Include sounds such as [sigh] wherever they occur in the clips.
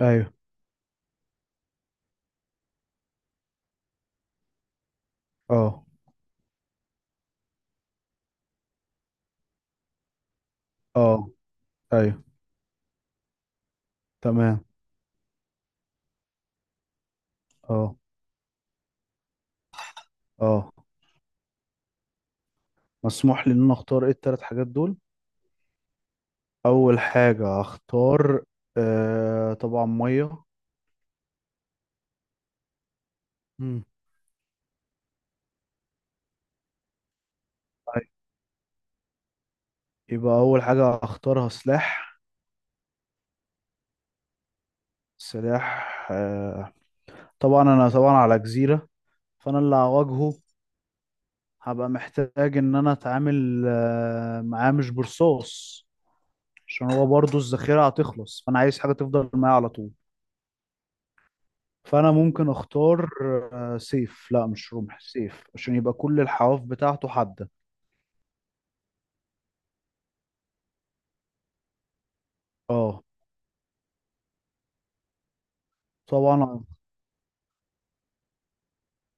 ايوه. اه. اه. ايوه. تمام. اه. اه. مسموح لي ان انا اختار ايه التلات حاجات دول؟ اول حاجة هختار، طبعا مية. مم. طيب، يبقى اول حاجة هختارها سلاح. سلاح، طبعا انا طبعا على جزيرة، فانا اللي هواجهه هبقى محتاج ان انا اتعامل معاه مش برصاص، عشان هو برضو الذخيرة هتخلص، فانا عايز حاجة تفضل معايا على طول. فانا ممكن اختار سيف. لا مش رمح، سيف، عشان يبقى كل الحواف بتاعته حادة. اه طبعا.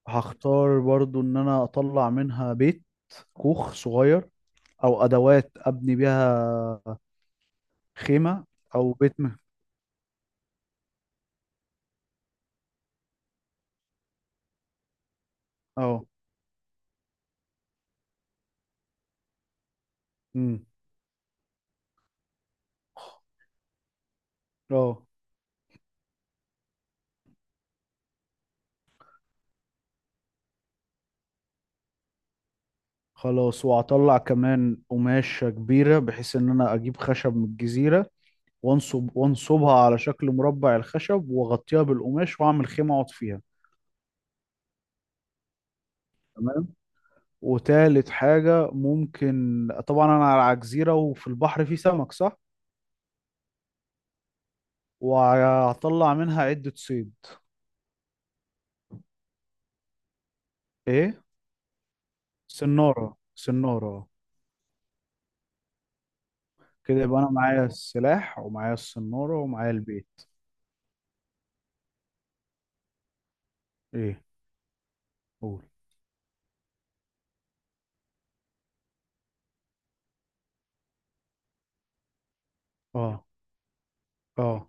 هختار برضو ان انا اطلع منها بيت، كوخ صغير، او ادوات ابني بيها خيمة، او بيت. اه. امم. اه. خلاص. وهطلع كمان قماشة كبيرة بحيث ان انا اجيب خشب من الجزيرة، وانصبها على شكل مربع الخشب، واغطيها بالقماش، واعمل خيمة اقعد فيها. تمام. وتالت حاجة ممكن، طبعا أنا على جزيرة وفي البحر في سمك صح؟ وهطلع منها عدة صيد. إيه؟ سنارة. كده يبقى أنا معايا السلاح ومعايا السنارة ومعايا البيت. إيه؟ قول. آه. آه.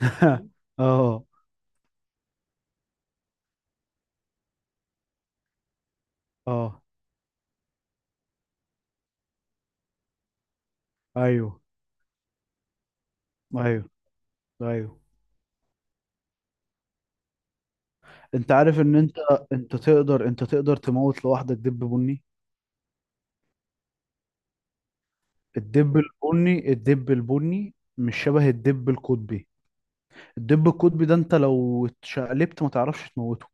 [laughs] آه. آه. أيوه. أيوه. أيوه. أنت عارف إن أنت أنت تقدر تموت لوحدك دب بني؟ الدب البني مش شبه الدب القطبي. الدب القطبي ده انت لو اتشقلبت ما تعرفش تموته.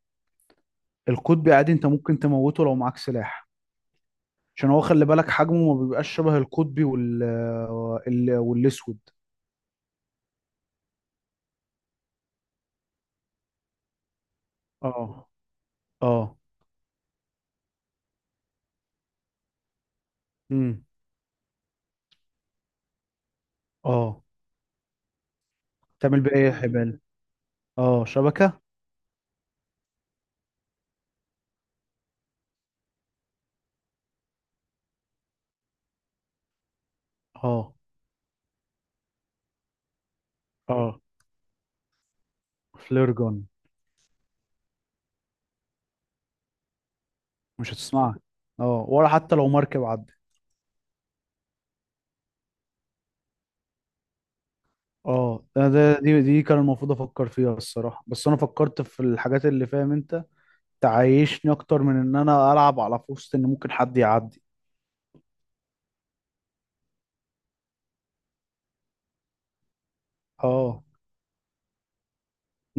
القطبي عادي انت ممكن تموته لو معاك سلاح. عشان هو خلي بالك حجمه ما بيبقاش شبه القطبي والاسود. اه. اه. امم. اه. تعمل بيه ايه يا حبال؟ اه شبكة. اه. اه. فليرجون. مش هتسمعك. اه، ولا حتى لو مركب عدى. اه، دي كان المفروض افكر فيها الصراحة، بس انا فكرت في الحاجات اللي فاهم انت تعيشني اكتر من ان انا العب على في وسط ان ممكن حد يعدي. اه.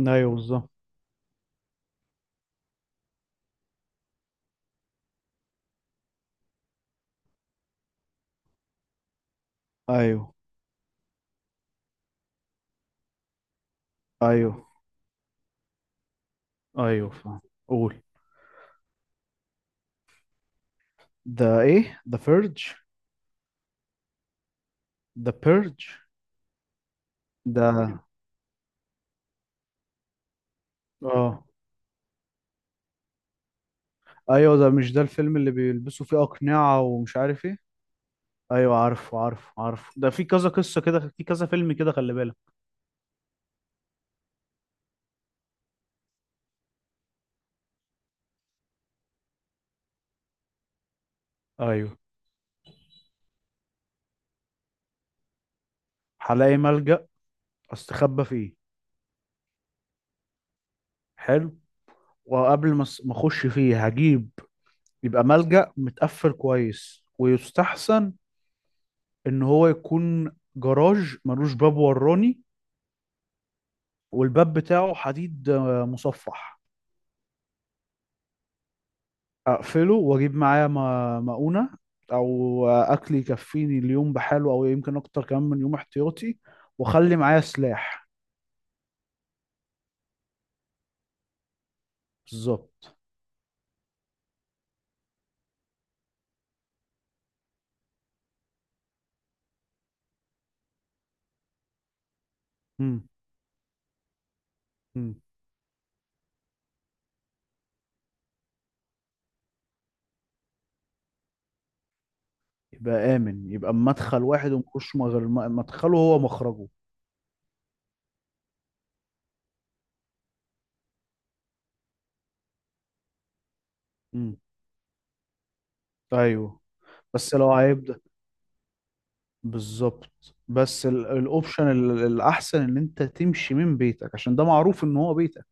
ايوه بالظبط. ايوه. ايوه. ايوه فاهم. قول. ده ايه ده؟ فيرج؟ ده بيرج؟ ده. اه. ايوه، ده مش ده الفيلم اللي بيلبسوا فيه اقنعة ومش عارف ايه؟ ايوه عارفه عارفه عارفه، ده في كذا قصة كده، في كذا فيلم كده، خلي بالك. ايوه. هلاقي ملجأ، استخبى فيه. حلو. وقبل ما ما اخش فيه هجيب، يبقى ملجأ متقفل كويس، ويستحسن ان هو يكون جراج ملوش باب وراني، والباب بتاعه حديد، مصفح. اقفله، واجيب معايا مؤونة، او اكل يكفيني اليوم بحاله، او يمكن اكتر كمان من يوم احتياطي. واخلي معايا سلاح. بالظبط. مم. مم. يبقى امن، يبقى مدخل واحد، ومخش غير مدخله هو مخرجه. مم. ايوه. بس لو هيبدأ. بالظبط، بس الاوبشن الاحسن ان انت تمشي من بيتك، عشان ده معروف ان هو بيتك.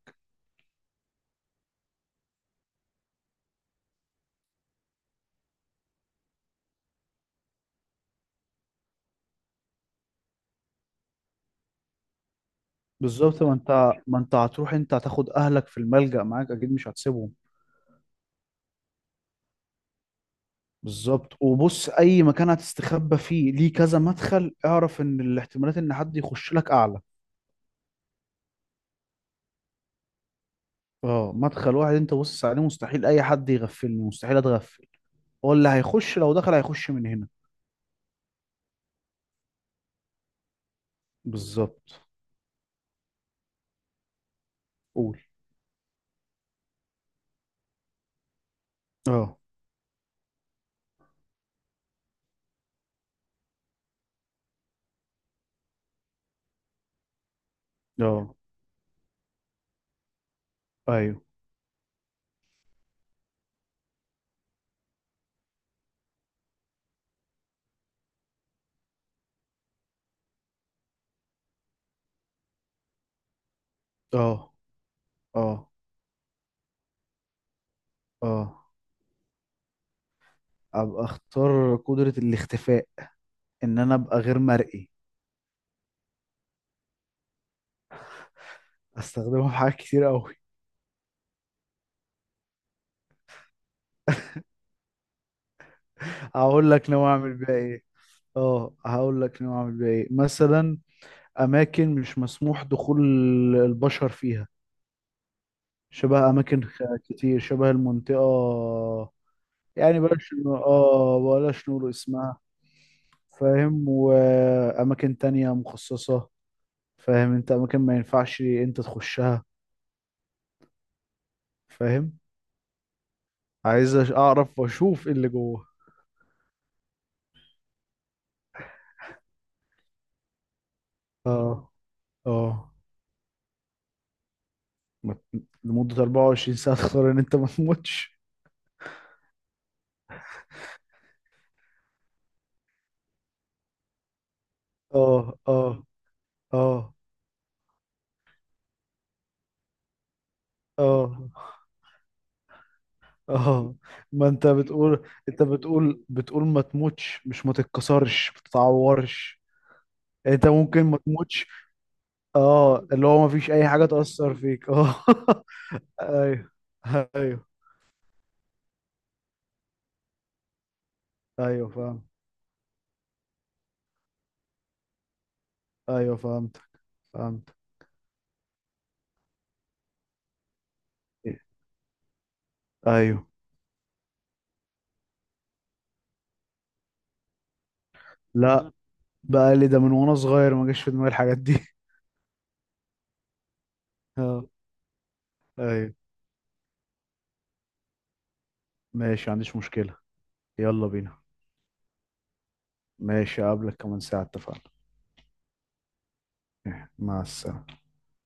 بالظبط، ما انت هتروح، انت هتاخد اهلك في الملجأ معاك اكيد، مش هتسيبهم. بالظبط وبص، اي مكان هتستخبى فيه ليه كذا مدخل، اعرف ان الاحتمالات ان حد يخش لك اعلى. اه، مدخل واحد انت باصص عليه، مستحيل اي حد يغفلني، مستحيل اتغفل. هو اللي هيخش لو دخل هيخش من هنا. بالظبط. قول. اه. اه. ايوه. اه. اه. اه. ابقى اختار قدرة الاختفاء، ان انا ابقى غير مرئي. استخدمها في حاجات كتير قوي. [laughs] هقول لك ناوي اعمل بيها ايه. اه هقول لك نوع من ايه مثلا، اماكن مش مسموح دخول البشر فيها، شبه اماكن كتير، شبه المنطقه. يعني بلاش نقول اسمها، فاهم؟ واماكن تانية مخصصه، فاهم انت، اماكن ما ينفعش انت تخشها، فاهم. عايز اعرف واشوف ايه اللي جوه. اه. اه. لمده 24 ساعه تختار ان انت ما تموتش. اه. اه. اه. اه. اه. ما انت بتقول ما تموتش، مش ما تتكسرش، ما تتعورش؟ يعني انت ممكن ما تموتش. اه، اللي هو ما فيش اي حاجه تاثر فيك، اه. [laughs] ايوه. ايوه. ايوه فاهم. ايوه فهمت. فهمت. ايوه. لا، بقى لي ده من وانا صغير ما جاش في دماغي الحاجات دي. [laughs] اه. ايوه ماشي، ما عنديش مشكله. يلا بينا. ماشي، اقابلك كمان ساعه، اتفقنا. مع السلامه.